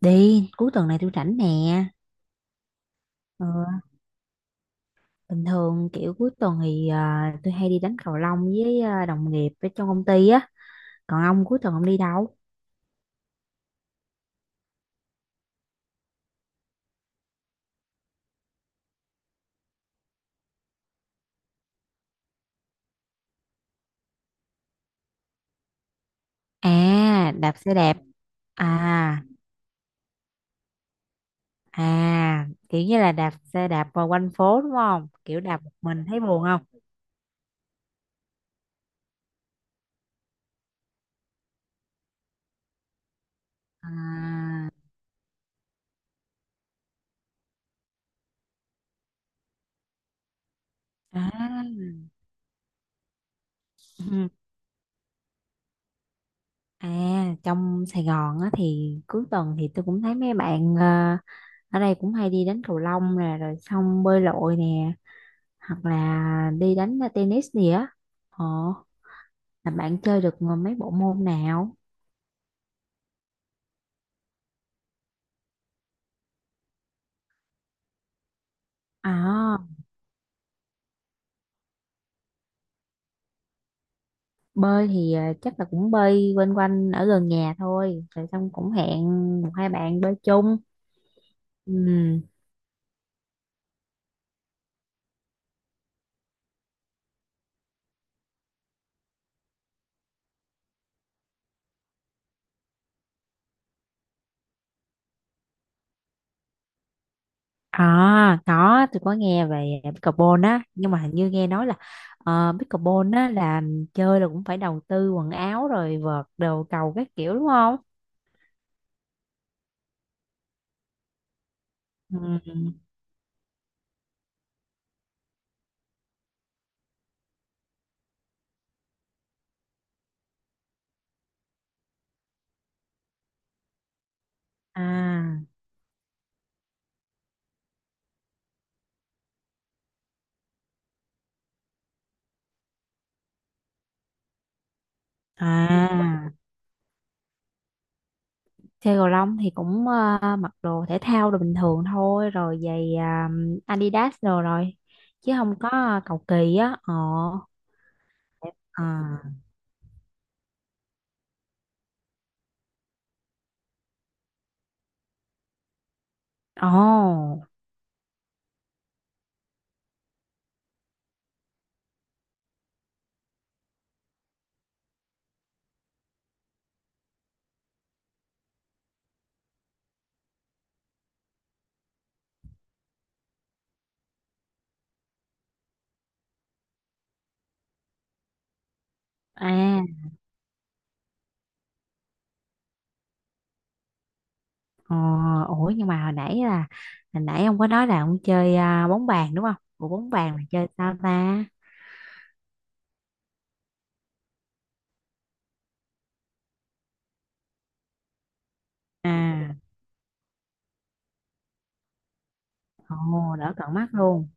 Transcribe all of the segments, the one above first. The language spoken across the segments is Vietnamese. Đi, cuối tuần này tôi rảnh nè. Ờ, Bình thường kiểu cuối tuần thì tôi hay đi đánh cầu lông với đồng nghiệp ở trong công ty á. Còn ông cuối tuần ông đi đâu? À, đạp xe đạp. À, à, kiểu như là đạp xe đạp vào quanh phố đúng không? Kiểu đạp một mình thấy buồn không? À, à, ừ. À, trong Sài Gòn á thì cuối tuần thì tôi cũng thấy mấy bạn ở đây cũng hay đi đánh cầu lông nè, rồi xong bơi lội nè. Hoặc là đi đánh tennis gì á. ờ là bạn chơi được mấy bộ môn nào? À, bơi thì chắc là cũng bơi quanh quanh ở gần nhà thôi rồi xong cũng hẹn một hai bạn bơi chung. Ừ. À, có, tôi có nghe về pickleball á, nhưng mà hình như nghe nói là pickleball á là chơi là cũng phải đầu tư quần áo rồi vợt đồ cầu các kiểu đúng không? Ừ, à, à. Chơi cầu lông thì cũng mặc đồ thể thao đồ bình thường thôi rồi giày Adidas đồ rồi, chứ không có cầu kỳ á. Ờ À, ồ, à, ờ. Ủa, nhưng mà hồi nãy ông có nói là ông chơi bóng bàn đúng không? Ủa, bóng bàn là chơi sao ta? À, ồ. Đỡ cận mắt luôn.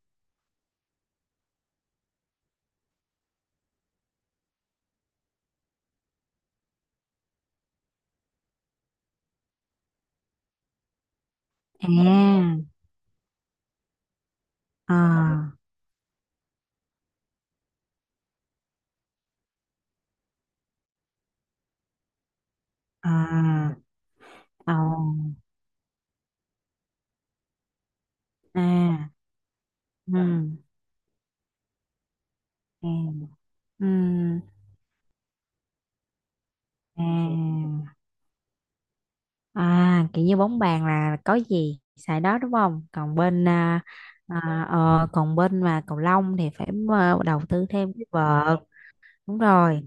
À, ờ, à, ồ, à, ừ, ừ, ừ, à. À, kiểu như bóng bàn là có gì xài đó đúng không? Còn bên à, à, ờ, còn bên mà cầu lông thì phải đầu tư thêm cái vợt. Đúng rồi,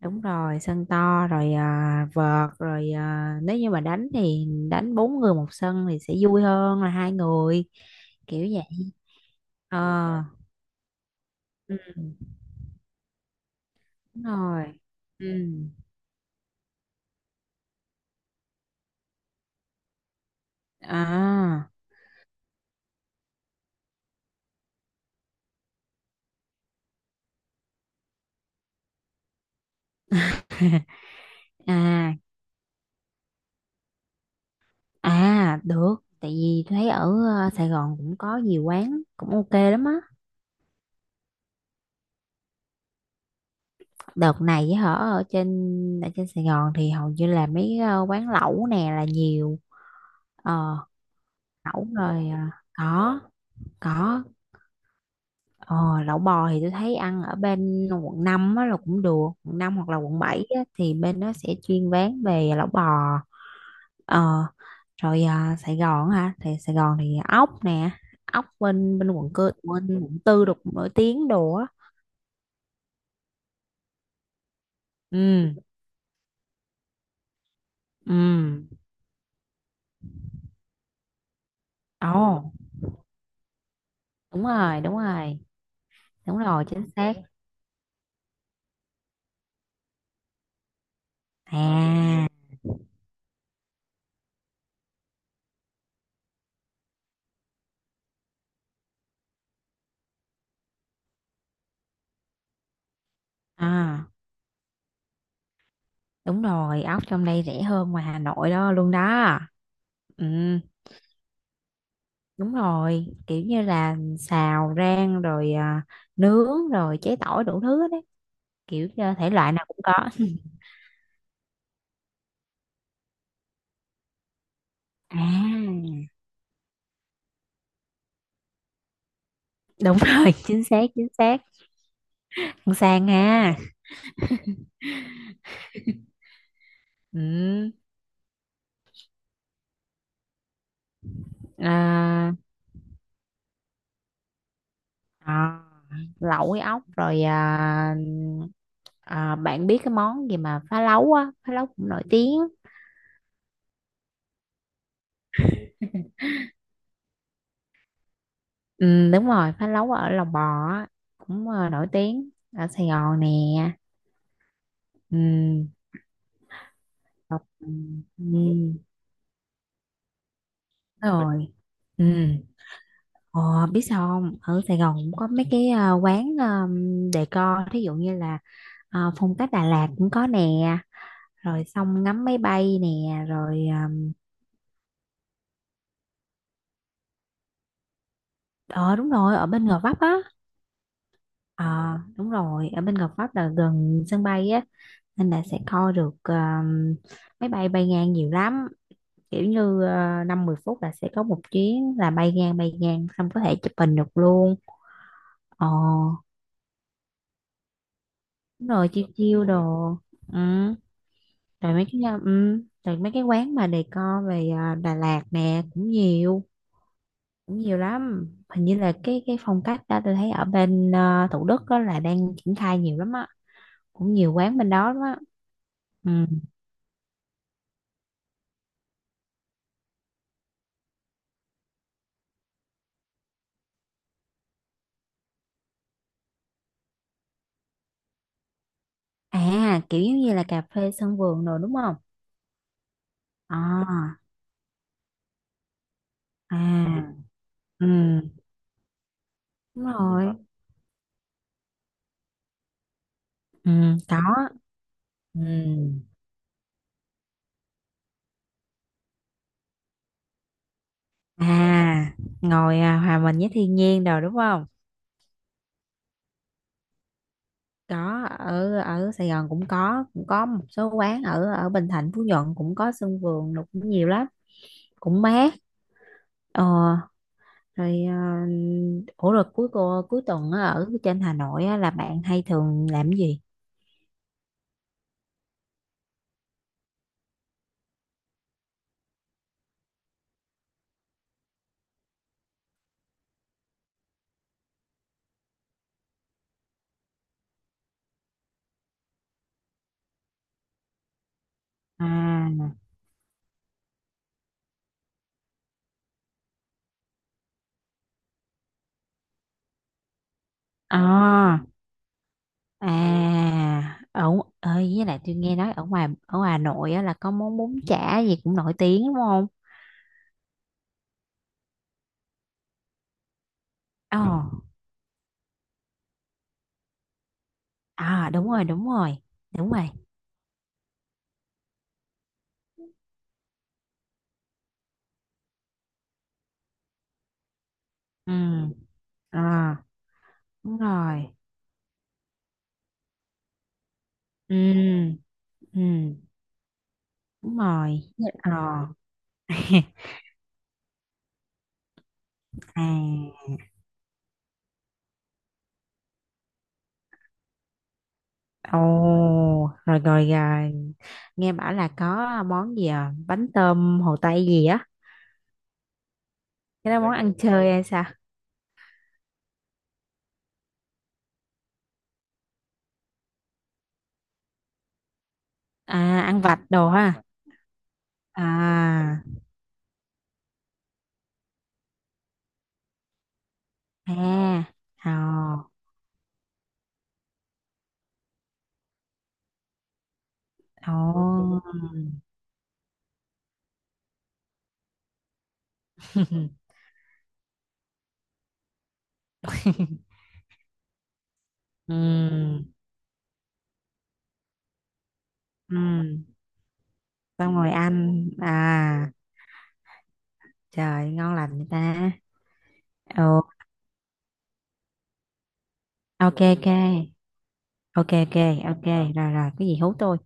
đúng rồi, sân to rồi, vợt rồi, nếu như mà đánh thì đánh bốn người một sân thì sẽ vui hơn là hai người kiểu vậy. Ờ, ừ, đúng rồi. Ừ. À. À, à, được. Tại vì tôi thấy ở Sài Gòn cũng có nhiều quán cũng ok lắm á. Đợt này với hở, ở trên Sài Gòn thì hầu như là mấy quán lẩu nè là nhiều. Ờ, lẩu rồi. Ờ, Có, có. Ờ, lẩu bò thì tôi thấy ăn ở bên quận 5 á là cũng được. Quận năm hoặc là quận 7 á, thì bên đó sẽ chuyên bán về lẩu bò. Ờ, rồi. Ờ, Sài Gòn hả? Thì Sài Gòn thì ốc nè. Ốc bên bên quận cơ bên quận tư được nổi tiếng đồ á. Ừ, ừ, ồ. Đúng rồi, đúng rồi, đúng rồi, chính xác. À, à, đúng rồi, ốc trong đây rẻ hơn ngoài Hà Nội đó luôn đó. Ừ. Đúng rồi, kiểu như là xào rang rồi, nướng rồi chế tỏi đủ thứ hết đấy. Kiểu như thể loại nào cũng có. À, đúng rồi. Chính xác, chính xác. Con sang ha. Ừ, à, à, lẩu với ốc rồi À, bạn biết cái món gì mà phá lấu á, phá lấu cũng nổi tiếng. Ừ, đúng rồi, phá lấu ở Lòng Bò á, cũng nổi tiếng ở Sài Gòn nè. Ừ, ừ, ừ, đúng rồi. Ừ. Ờ, biết sao không? Ở Sài Gòn cũng có mấy cái quán decor, thí dụ như là phong cách Đà Lạt cũng có nè, rồi xong ngắm máy bay nè, rồi ờ ờ, đúng rồi, ở bên Gò Vấp á. Ờ, đúng rồi, ở bên Gò Vấp là gần sân bay á, nên là sẽ coi được máy bay bay ngang nhiều lắm. Kiểu như 5-10 phút là sẽ có một chuyến là bay ngang bay ngang, xong có thể chụp hình được luôn. Ờ, đúng rồi, chiêu chiêu đồ. Ừ. Rồi mấy cái, ừ. Rồi mấy cái quán mà decor về Đà Lạt nè cũng nhiều. Cũng nhiều lắm, hình như là cái phong cách đó tôi thấy ở bên Thủ Đức đó là đang triển khai nhiều lắm á. Cũng nhiều quán bên đó lắm á. Ừ. À, kiểu giống như là cà phê sân vườn rồi đúng không? À, à, ừ, đúng rồi, ừ, có, ừ, à. Ngồi hòa mình với thiên nhiên rồi đúng không? Có, ở ở Sài Gòn cũng có một số quán ở ở Bình Thạnh, Phú Nhuận cũng có sân vườn, nó cũng nhiều lắm. Cũng mát. ờ Rồi, ủa, rồi cuối tuần á, ở trên Hà Nội á, là bạn hay thường làm cái gì? À, à. À, ở, ơi, với lại tôi nghe nói ở ngoài Hà Nội á, là có món bún chả gì cũng nổi tiếng đúng không? Ồ, à, đúng rồi, đúng rồi. Đúng rồi. Ừ. À, đúng rồi. Ừ, ừ, đúng rồi. Ờ. À, ồ, rồi, rồi, rồi. Nghe bảo là có món gì à? Bánh tôm Hồ Tây gì á? Cái đó món ăn chơi hay sao? À, ăn vặt đồ ha. À, à, à, ồ. Ừm, ừm. Xong rồi ăn. À, trời, ngon lành vậy ta. Ồ, ok, ok. Ok, ok, ok. Rồi, rồi, cái gì hú tôi.